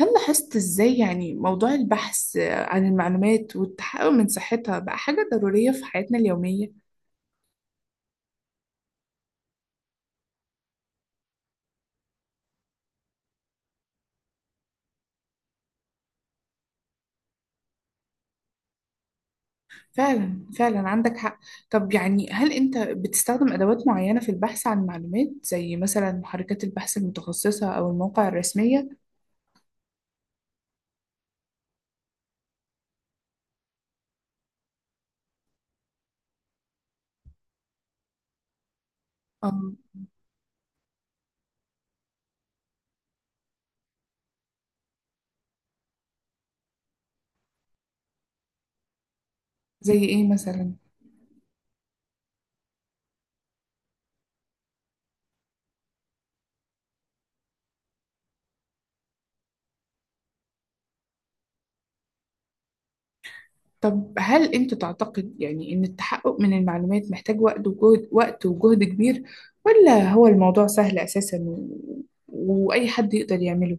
هل لاحظت إزاي يعني موضوع البحث عن المعلومات والتحقق من صحتها بقى حاجة ضرورية في حياتنا اليومية؟ فعلا عندك حق. طب يعني هل أنت بتستخدم أدوات معينة في البحث عن المعلومات زي مثلا محركات البحث المتخصصة أو المواقع الرسمية؟ أم زي إيه مثلا؟ طب هل أنت تعتقد يعني إن التحقق من المعلومات محتاج وقت وجهد كبير، ولا هو الموضوع سهل أساسا وأي حد يقدر يعمله؟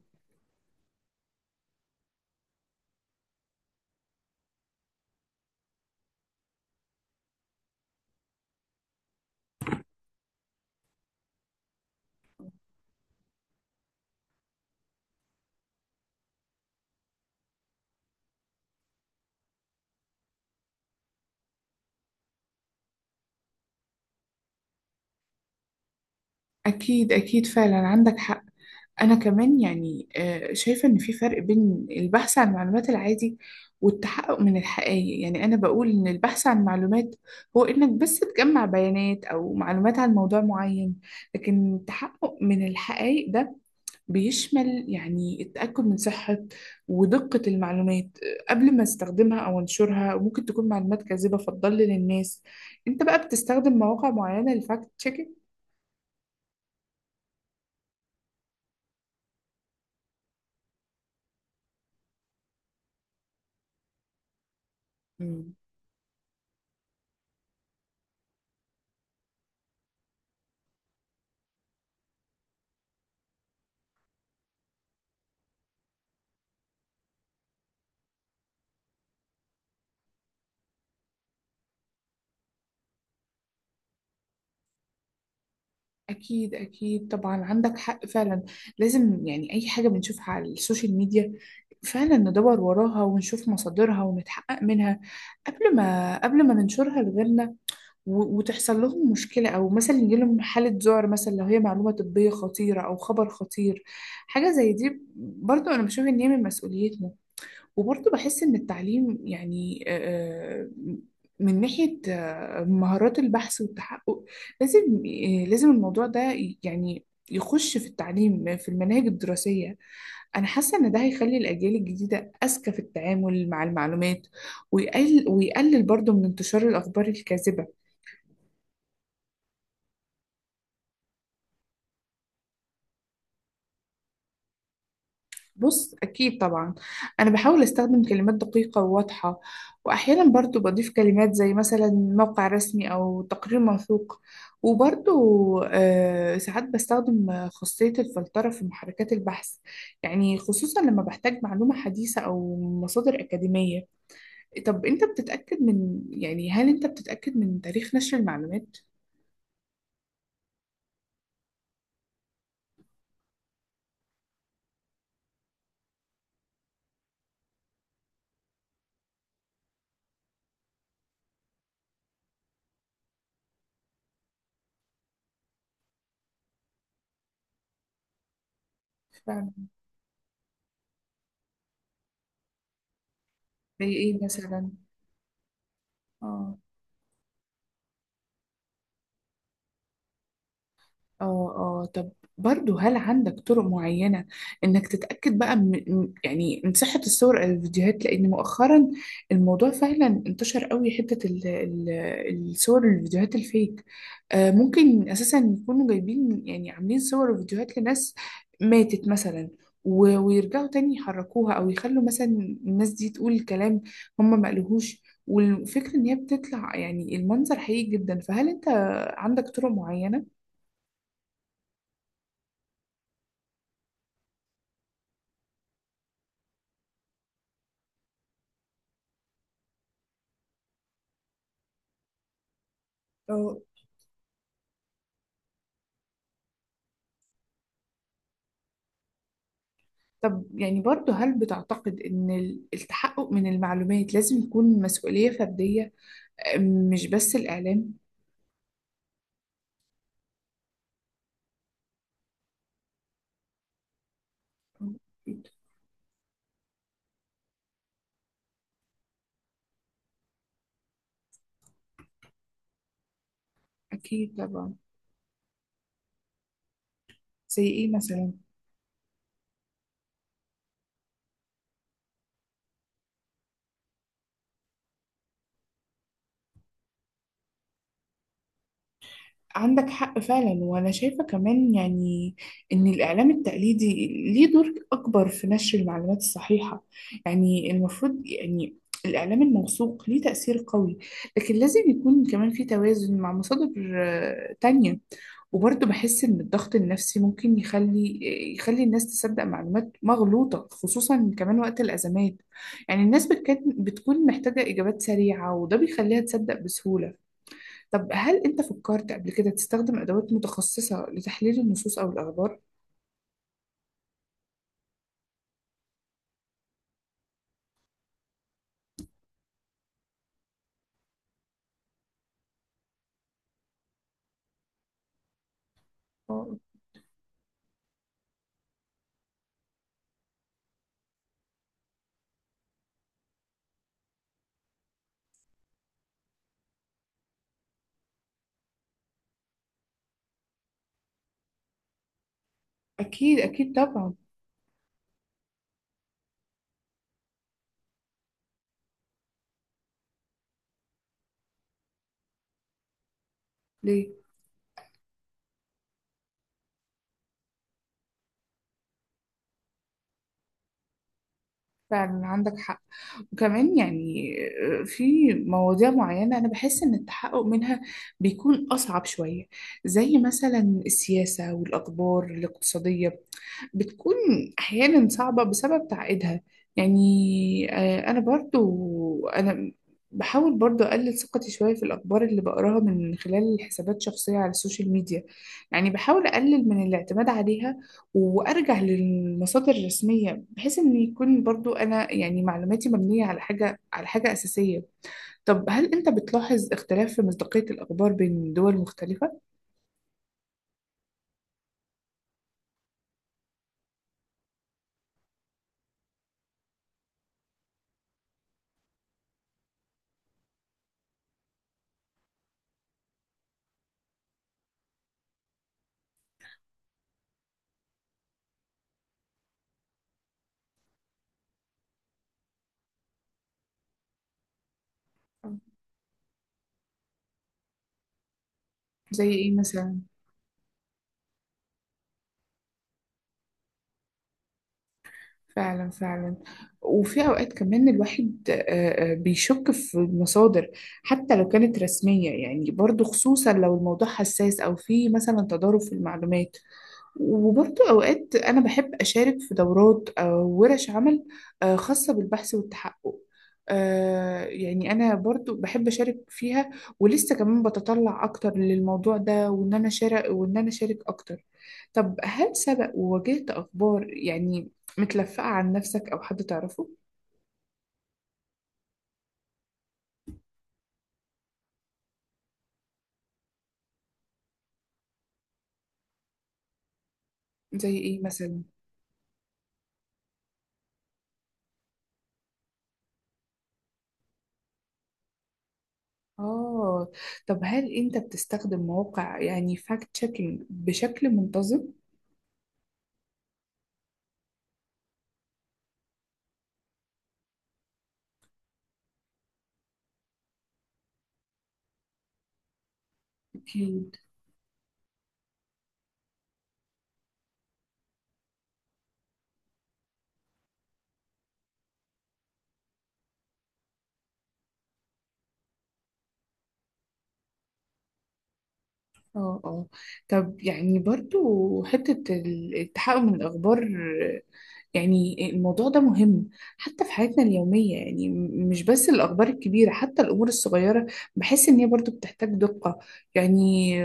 أكيد فعلا عندك حق. أنا كمان يعني شايفة إن في فرق بين البحث عن معلومات العادي والتحقق من الحقائق. يعني أنا بقول إن البحث عن معلومات هو إنك بس تجمع بيانات أو معلومات عن موضوع معين، لكن التحقق من الحقائق ده بيشمل يعني التأكد من صحة ودقة المعلومات قبل ما استخدمها أو أنشرها، وممكن تكون معلومات كاذبة فتضلل الناس. أنت بقى بتستخدم مواقع معينة للفاكت تشيكينج؟ أكيد طبعا عندك حق فعلا. لازم يعني أي حاجة بنشوفها على السوشيال ميديا فعلا ندور وراها ونشوف مصادرها ونتحقق منها قبل ما ننشرها لغيرنا، وتحصل لهم مشكلة أو مثلا يجيلهم حالة ذعر، مثلا لو هي معلومة طبية خطيرة أو خبر خطير. حاجة زي دي برضو أنا بشوف إن هي من مسؤوليتنا. وبرضه بحس إن التعليم يعني من ناحية مهارات البحث والتحقق لازم، لازم الموضوع ده يعني يخش في التعليم في المناهج الدراسية. أنا حاسة إن ده هيخلي الأجيال الجديدة أذكى في التعامل مع المعلومات، ويقلل برضه من انتشار الأخبار الكاذبة. بص أكيد طبعا، أنا بحاول أستخدم كلمات دقيقة وواضحة، وأحيانا برضو بضيف كلمات زي مثلا موقع رسمي أو تقرير موثوق. وبرضو ساعات بستخدم خاصية الفلترة في محركات البحث، يعني خصوصا لما بحتاج معلومة حديثة أو مصادر أكاديمية. طب أنت بتتأكد من يعني هل أنت بتتأكد من تاريخ نشر المعلومات؟ فعلا. زي إيه مثلا؟ آه. اه. اه طب، برضو هل عندك طرق معينة انك تتأكد بقى من يعني من صحة الصور او الفيديوهات، لان مؤخرا الموضوع فعلا انتشر قوي. حتة الصور والفيديوهات الفيك آه ممكن اساسا يكونوا جايبين، يعني عاملين صور وفيديوهات لناس ماتت مثلا، ويرجعوا تاني يحركوها، او يخلوا مثلا الناس دي تقول كلام هم ما قالوهوش. والفكرة ان هي بتطلع يعني المنظر حقيقي جدا، فهل انت عندك طرق معينة؟ اه طب يعني برضه هل بتعتقد إن التحقق من المعلومات لازم يكون مسؤولية فردية، مش بس الإعلام؟ أكيد طبعا. زي إيه مثلا؟ عندك حق فعلا. وأنا شايفة كمان يعني إن الإعلام التقليدي ليه دور أكبر في نشر المعلومات الصحيحة. يعني المفروض يعني الإعلام الموثوق ليه تأثير قوي، لكن لازم يكون كمان في توازن مع مصادر تانية. وبرضه بحس إن الضغط النفسي ممكن يخلي الناس تصدق معلومات مغلوطة خصوصا كمان وقت الأزمات. يعني الناس بتكون محتاجة إجابات سريعة وده بيخليها تصدق بسهولة. طب هل أنت فكرت قبل كده تستخدم أدوات متخصصة لتحليل النصوص أو الأخبار؟ آه. أكيد طبعا. ليه؟ فعلا عندك حق. وكمان يعني في مواضيع معينة أنا بحس إن التحقق منها بيكون أصعب شوية، زي مثلا السياسة والأخبار الاقتصادية، بتكون أحيانا صعبة بسبب تعقيدها. يعني أنا برضو أنا بحاول برضو أقلل ثقتي شوية في الأخبار اللي بقراها من خلال حسابات شخصية على السوشيال ميديا، يعني بحاول أقلل من الاعتماد عليها وارجع للمصادر الرسميه، بحيث ان يكون برضو انا يعني معلوماتي مبنيه على حاجه اساسيه. طب هل انت بتلاحظ اختلاف في مصداقيه الاخبار بين دول مختلفه؟ زي ايه مثلا؟ فعلا. وفي اوقات كمان الواحد بيشك في المصادر حتى لو كانت رسميه، يعني برضو خصوصا لو الموضوع حساس او في مثلا تضارب في المعلومات. وبرضه أوقات أنا بحب أشارك في دورات أو ورش عمل خاصة بالبحث والتحقق. يعني أنا برضه بحب أشارك فيها، ولسه كمان بتطلع أكتر للموضوع ده، وإن أنا أشارك أكتر. طب هل سبق وواجهت أخبار يعني متلفقة عن نفسك أو حد تعرفه؟ زي إيه مثلا؟ آه. طب هل أنت بتستخدم مواقع يعني فاكت تشيكينج بشكل منتظم؟ اه. اه طب يعني برضو حتة التحقق من الأخبار، يعني الموضوع ده مهم حتى في حياتنا اليومية، يعني مش بس الأخبار الكبيرة، حتى الأمور الصغيرة بحس إن هي برضو بتحتاج دقة. يعني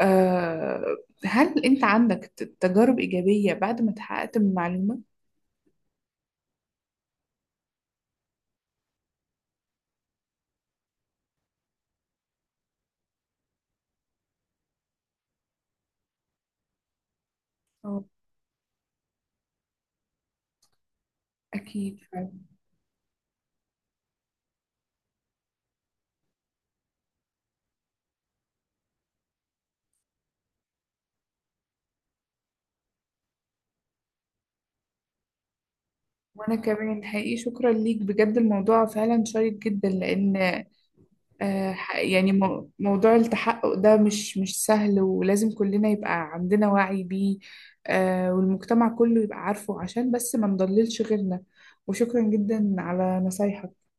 آه، هل أنت عندك تجارب إيجابية بعد ما اتحققت من المعلومة؟ اه أكيد فعلا. وأنا كمان حقيقي شكرا ليك بجد، الموضوع فعلا شيق جدا لأن يعني موضوع التحقق ده مش سهل ولازم كلنا يبقى عندنا وعي بيه، والمجتمع كله يبقى عارفه عشان بس ما نضللش غيرنا. وشكرا جدا على نصايحك.